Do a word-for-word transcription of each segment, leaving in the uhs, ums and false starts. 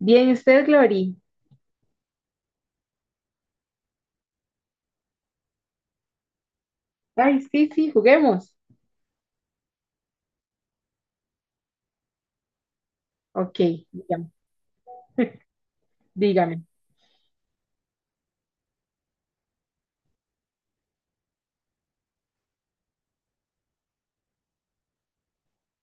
Bien, usted, Glory. Ay, sí, sí, juguemos. Ok, dígame. dígame.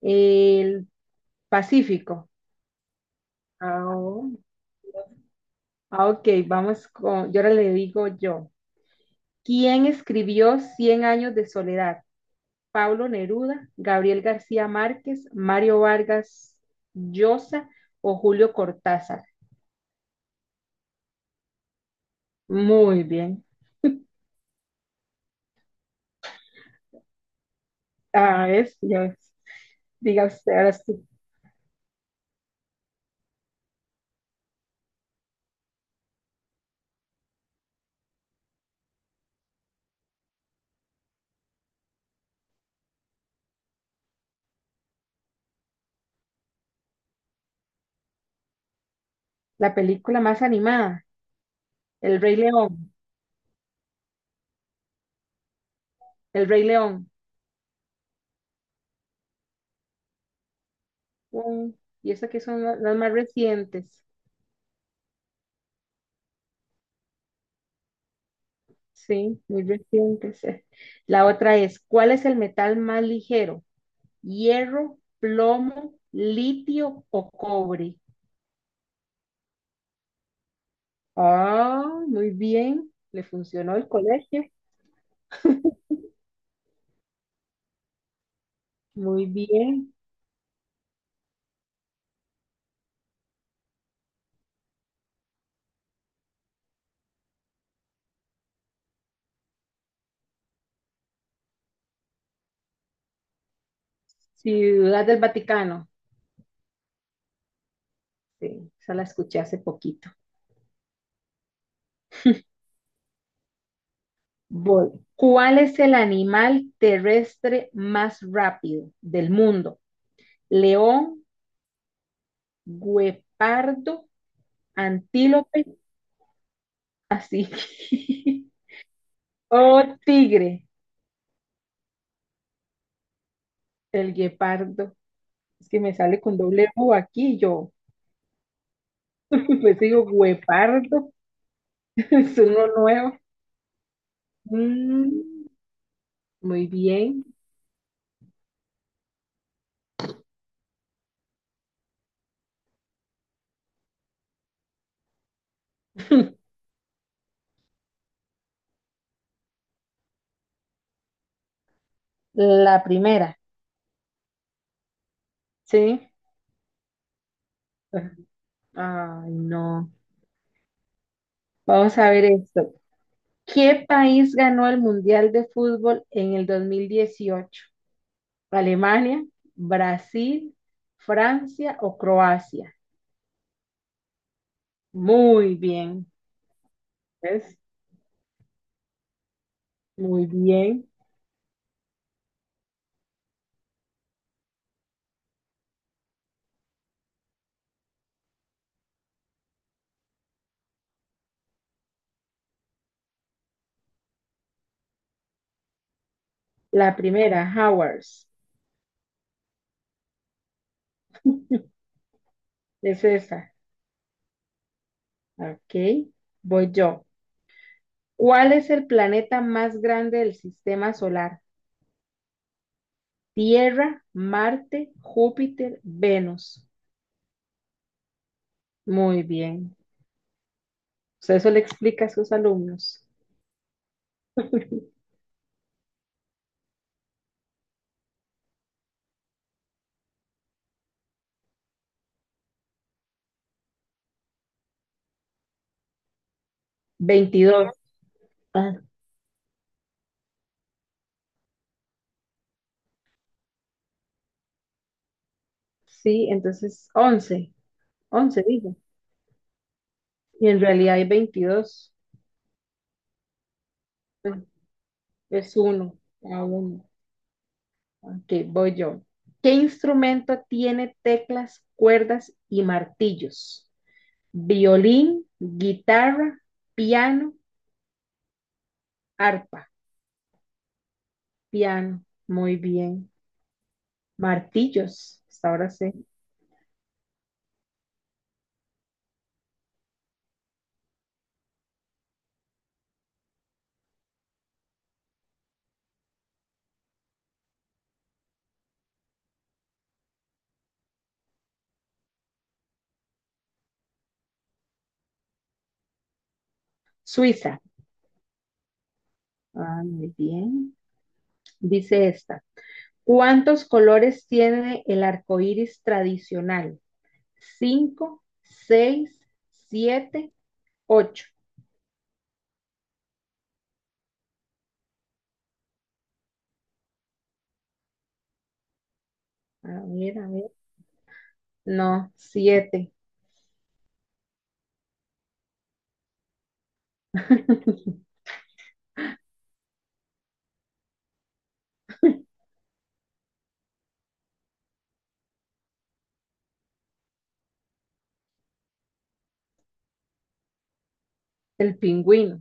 El Pacífico. Ah, oh, ah, ok, vamos con, yo ahora le digo yo. ¿Quién escribió Cien años de soledad? Pablo Neruda, Gabriel García Márquez, Mario Vargas Llosa o Julio Cortázar. Muy bien. Ah, es, ya ves. Diga usted, ahora sí. La película más animada, El Rey León. El Rey León. Mm, Y esas que son la- las más recientes, sí, muy recientes. eh. La otra es, ¿cuál es el metal más ligero? ¿Hierro, plomo, litio o cobre? Ah, muy bien, le funcionó el colegio, muy bien. Ciudad del Vaticano, sí, esa la escuché hace poquito. Voy. ¿Cuál es el animal terrestre más rápido del mundo? ¿León, guepardo, antílope? Así. Oh, tigre, el guepardo. Es que me sale con doble U aquí y yo. Pues digo, guepardo. Es uno nuevo. Mm, muy bien. La primera, ¿sí? Ay, no. Vamos a ver esto. ¿Qué país ganó el Mundial de Fútbol en el dos mil dieciocho? ¿Alemania, Brasil, Francia o Croacia? Muy bien. ¿Ves? Muy bien. La primera, Hours, es esa. Ok, voy yo. ¿Cuál es el planeta más grande del sistema solar? Tierra, Marte, Júpiter, Venus. Muy bien. O sea, eso le explica a sus alumnos. Veintidós. Ah, sí, entonces once once digo. Y en realidad hay veintidós. Es uno a uno. Ok, voy yo. ¿Qué instrumento tiene teclas, cuerdas y martillos? Violín, guitarra, piano, arpa, piano. Muy bien. Martillos, hasta ahora sé. Suiza. Ah, muy bien. Dice esta. ¿Cuántos colores tiene el arco iris tradicional? Cinco, seis, siete, ocho. A ver, a ver. No, siete. El pingüino.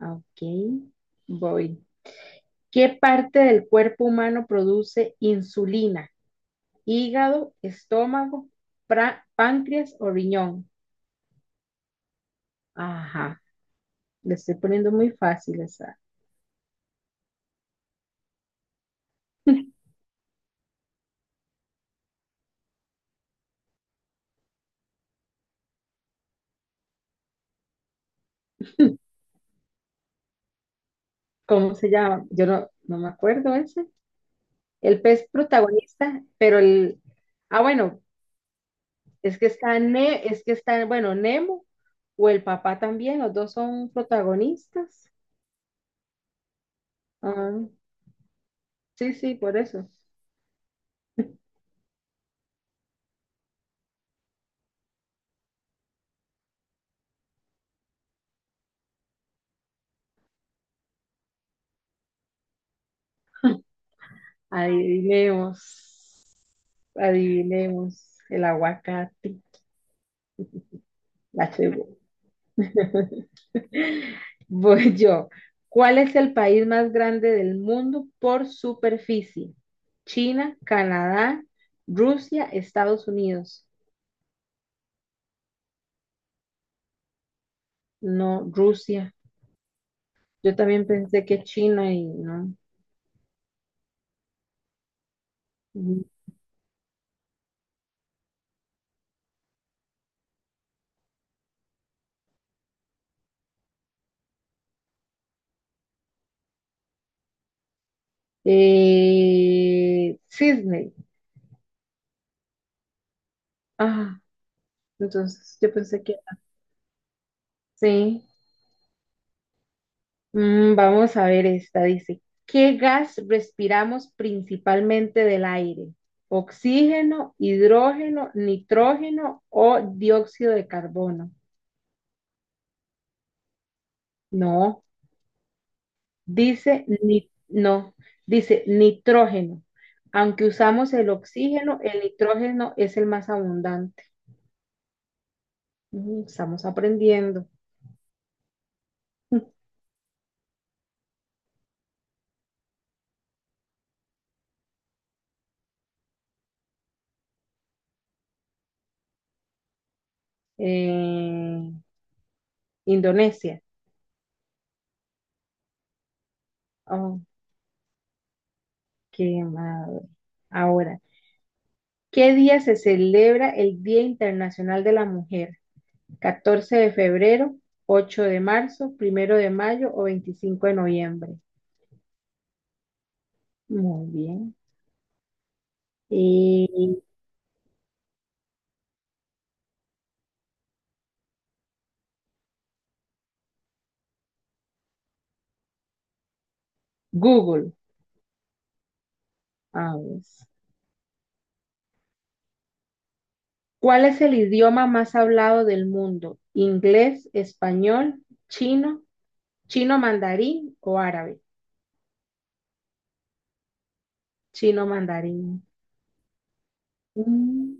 Ok, voy. ¿Qué parte del cuerpo humano produce insulina? ¿Hígado, estómago, páncreas o riñón? Ajá, le estoy poniendo muy fácil esa. ¿Cómo se llama? Yo no, no me acuerdo ese. El pez protagonista, pero el... Ah, bueno, es que está, Ne- es que está, bueno, Nemo o el papá también, los dos son protagonistas. Ah, sí, sí, por eso. Adivinemos, adivinemos el aguacate. La tribu. Voy yo. ¿Cuál es el país más grande del mundo por superficie? China, Canadá, Rusia, Estados Unidos. No, Rusia. Yo también pensé que China y no. Ujú. Eh, Sydney. Ah, entonces yo pensé que sí. Mm, vamos a ver esta, dice, ¿qué gas respiramos principalmente del aire? ¿Oxígeno, hidrógeno, nitrógeno o dióxido de carbono? No, dice ni- no, dice nitrógeno. Aunque usamos el oxígeno, el nitrógeno es el más abundante. Mm, estamos aprendiendo. Eh, Indonesia. Oh, qué madre. Ahora. ¿Qué día se celebra el Día Internacional de la Mujer? ¿Catorce de febrero, ocho de marzo, primero de mayo o veinticinco de noviembre? Muy bien. Y Google, a ver. ¿Cuál es el idioma más hablado del mundo? ¿Inglés, español, chino, chino mandarín o árabe? Chino mandarín. Mm,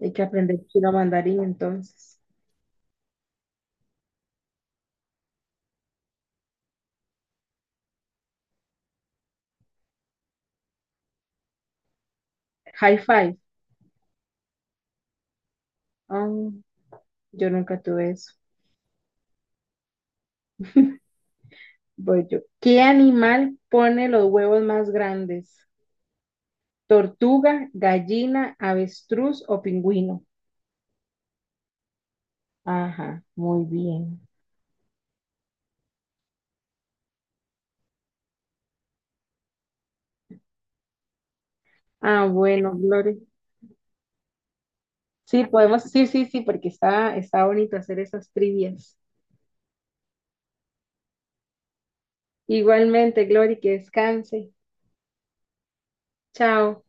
hay que aprender chino mandarín entonces. High five. Ah, yo nunca tuve eso. Voy yo. ¿Qué animal pone los huevos más grandes? ¿Tortuga, gallina, avestruz o pingüino? Ajá, muy bien. Ah, bueno, Gloria. Sí, podemos, sí, sí, sí, porque está, está bonito hacer esas trivias. Igualmente, Glory, que descanse. Chao.